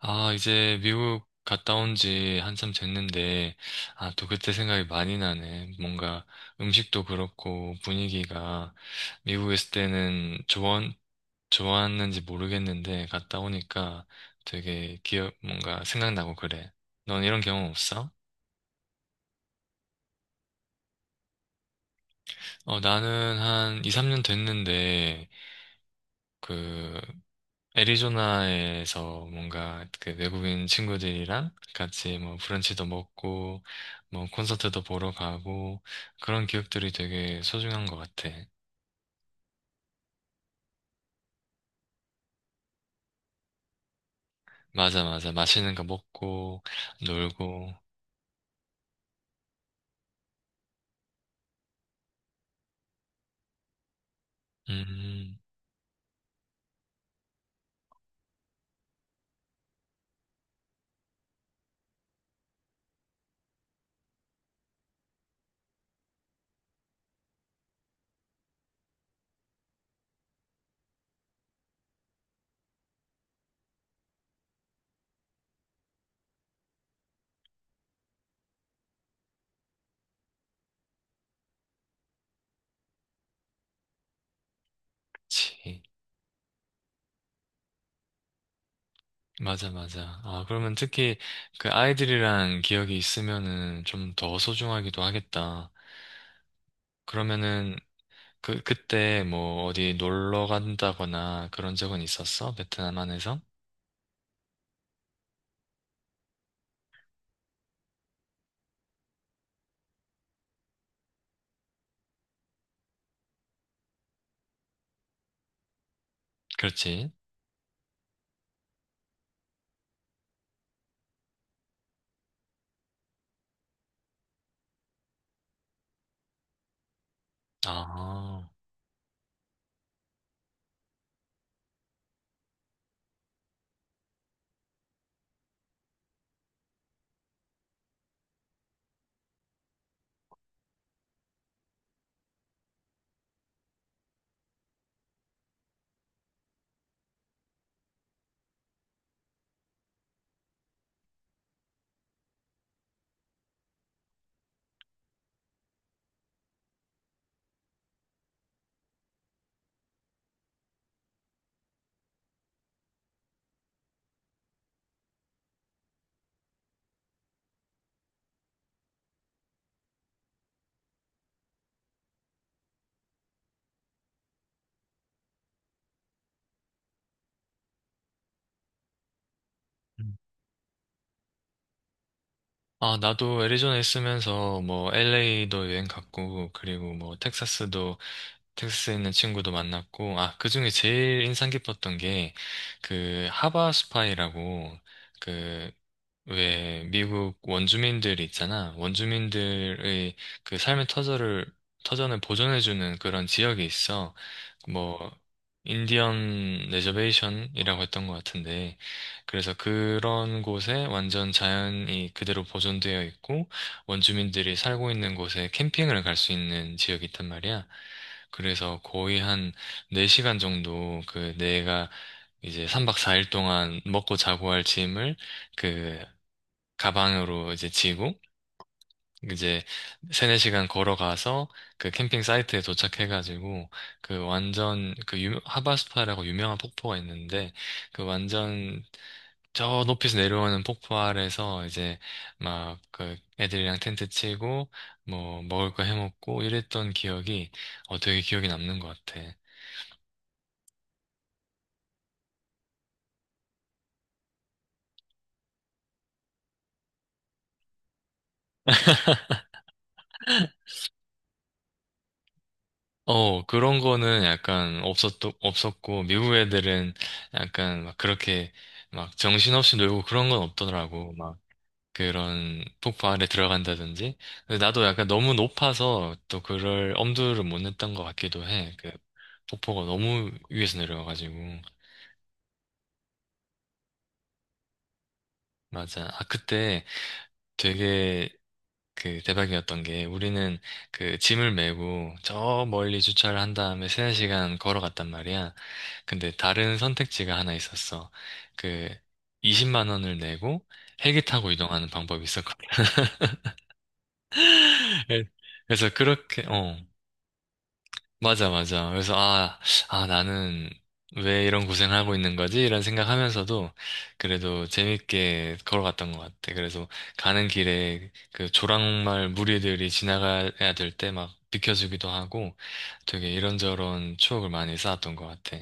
아, 이제 미국 갔다 온지 한참 됐는데, 아, 또 그때 생각이 많이 나네. 뭔가 음식도 그렇고 분위기가 미국에 있을 때는 좋았는지 모르겠는데, 갔다 오니까 되게 기억, 뭔가 생각나고 그래. 넌 이런 경험 없어? 어, 나는 한 이삼 년 됐는데, 그 애리조나에서 뭔가 그 외국인 친구들이랑 같이 뭐 브런치도 먹고 뭐 콘서트도 보러 가고 그런 기억들이 되게 소중한 것 같아. 맞아, 맞아. 맛있는 거 먹고 놀고. 음, 그치. 맞아, 맞아. 아, 그러면 특히 그 아이들이랑 기억이 있으면은 좀 더 소중하기도 하겠다. 그러면은 그, 그때 뭐 어디 놀러 간다거나 그런 적은 있었어? 베트남 안에서? 그렇지. 아, 음. 아, 나도 애리조나에 있으면서 뭐 LA도 여행 갔고, 그리고 뭐 텍사스도, 텍사스에 있는 친구도 만났고, 아, 그 중에 제일 인상 깊었던 게 그 하바 스파이라고 그 왜 미국 원주민들 있잖아. 원주민들의 그 삶의 터전을 보존해주는 그런 지역이 있어. 뭐 인디언 레저베이션이라고 했던 것 같은데, 그래서 그런 곳에 완전 자연이 그대로 보존되어 있고 원주민들이 살고 있는 곳에 캠핑을 갈 수 있는 지역이 있단 말이야. 그래서 거의 한 4시간 정도 그 내가 이제 3박 4일 동안 먹고 자고 할 짐을 그 가방으로 이제 지고 이제 세네 시간 걸어가서 그 캠핑 사이트에 도착해가지고 그 완전 그 유, 하바스파라고 유명한 폭포가 있는데 그 완전 저 높이서 내려오는 폭포 아래서 이제 막 그 애들이랑 텐트 치고 뭐 먹을 거 해먹고 이랬던 기억이 어 되게 기억에 남는 것 같아. 어 그런 거는 약간 없었고 미국 애들은 약간 막 그렇게 막 정신없이 놀고 그런 건 없더라고. 그런 폭포 안에 들어간다든지. 근데 나도 약간 너무 높아서 또 그럴 엄두를 못 냈던 것 같기도 해. 그 폭포가 너무 위에서 내려와가지고. 맞아. 아, 그때 되게 그 대박이었던 게 우리는 그 짐을 메고 저 멀리 주차를 한 다음에 세네 시간 걸어갔단 말이야. 근데 다른 선택지가 하나 있었어. 그 20만 원을 내고 헬기 타고 이동하는 방법이 있었거든. 그래서 그렇게, 어. 맞아, 맞아. 그래서, 아, 아, 나는 왜 이런 고생을 하고 있는 거지? 이런 생각하면서도 그래도 재밌게 걸어갔던 것 같아. 그래서 가는 길에 그 조랑말 무리들이 지나가야 될 때 막 비켜주기도 하고 되게 이런저런 추억을 많이 쌓았던 것 같아.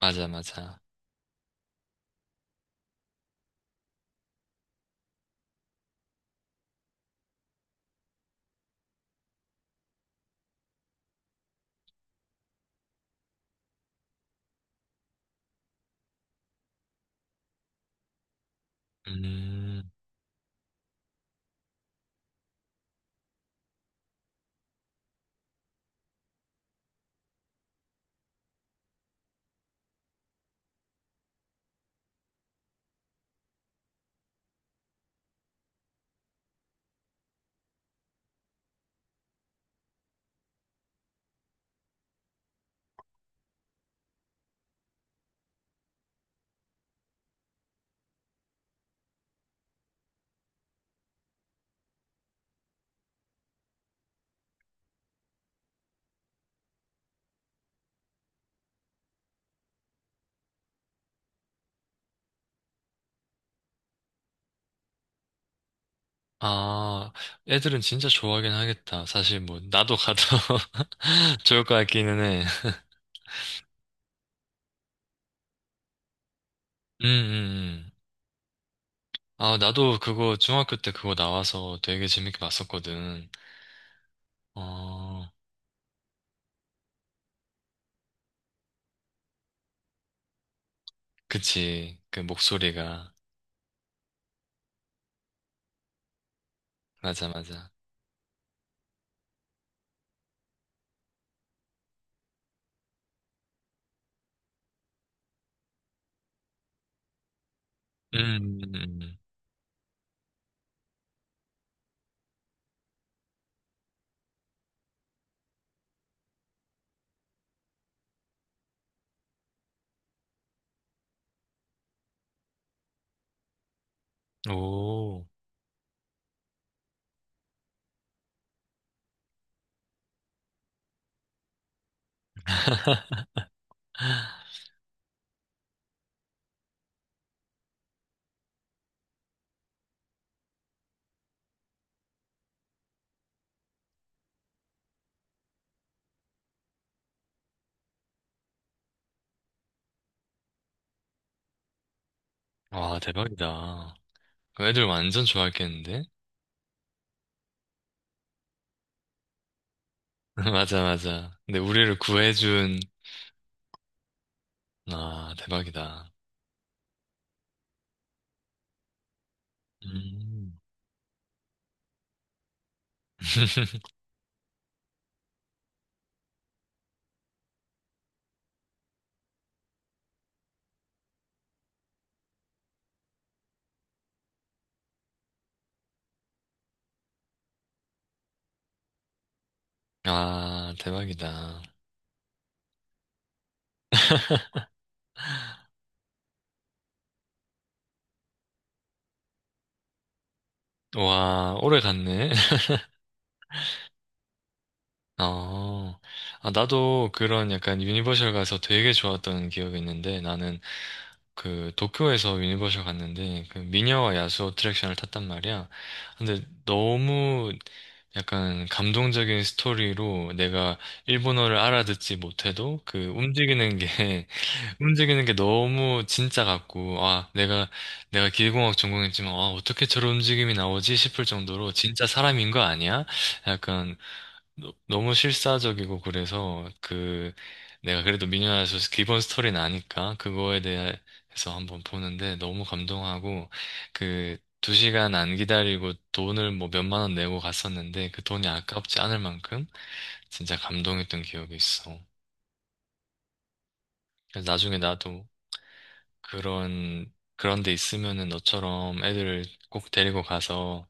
맞아, 맞아. 음, 아, 애들은 진짜 좋아하긴 하겠다. 사실 뭐, 나도 가도 좋을 것 같기는 해. 음, 음, 음. 아, 나도 그거 중학교 때 그거 나와서 되게 재밌게 봤었거든. 어, 그치. 그 목소리가. 맞아, 맞아. 음, 음, 오. 와, 대박이다. 그 애들 완전 좋아했겠는데? 맞아, 맞아. 근데 우리를 구해준, 아, 대박이다. 음. 아, 대박이다. 와, 오래 갔네. 어, 아, 나도 그런 약간 유니버셜 가서 되게 좋았던 기억이 있는데 나는 그 도쿄에서 유니버셜 갔는데 그 미녀와 야수 어트랙션을 탔단 말이야. 근데 너무 약간 감동적인 스토리로 내가 일본어를 알아듣지 못해도 그 움직이는 게 움직이는 게 너무 진짜 같고 아 내가 기계공학 전공했지만 아 어떻게 저런 움직임이 나오지 싶을 정도로 진짜 사람인 거 아니야? 약간 너무 실사적이고 그래서 그 내가 그래도 미녀와서 기본 스토리는 아니까 그거에 대해서 한번 보는데 너무 감동하고 그 두 시간 안 기다리고 돈을 뭐 몇만 원 내고 갔었는데 그 돈이 아깝지 않을 만큼 진짜 감동했던 기억이 있어. 그래서 나중에 나도 그런 데 있으면은 너처럼 애들을 꼭 데리고 가서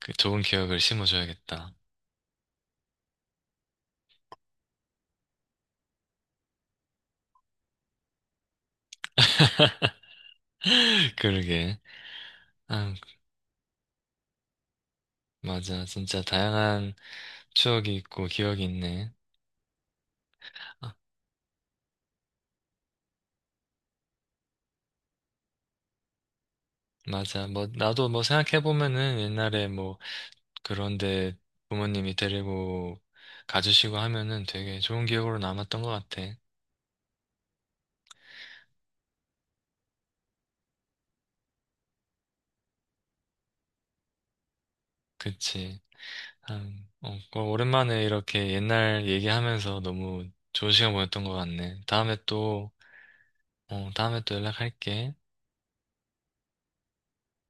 그 좋은 기억을 심어줘야겠다. 그러게. 아, 맞아. 진짜 다양한 추억이 있고 기억이 있네. 아, 맞아. 뭐 나도 뭐 생각해 보면은 옛날에 뭐 그런데 부모님이 데리고 가주시고 하면은 되게 좋은 기억으로 남았던 것 같아. 그치. 참, 어, 어, 오랜만에 이렇게 옛날 얘기하면서 너무 좋은 시간 보냈던 것 같네. 다음에 또, 어, 다음에 또 연락할게.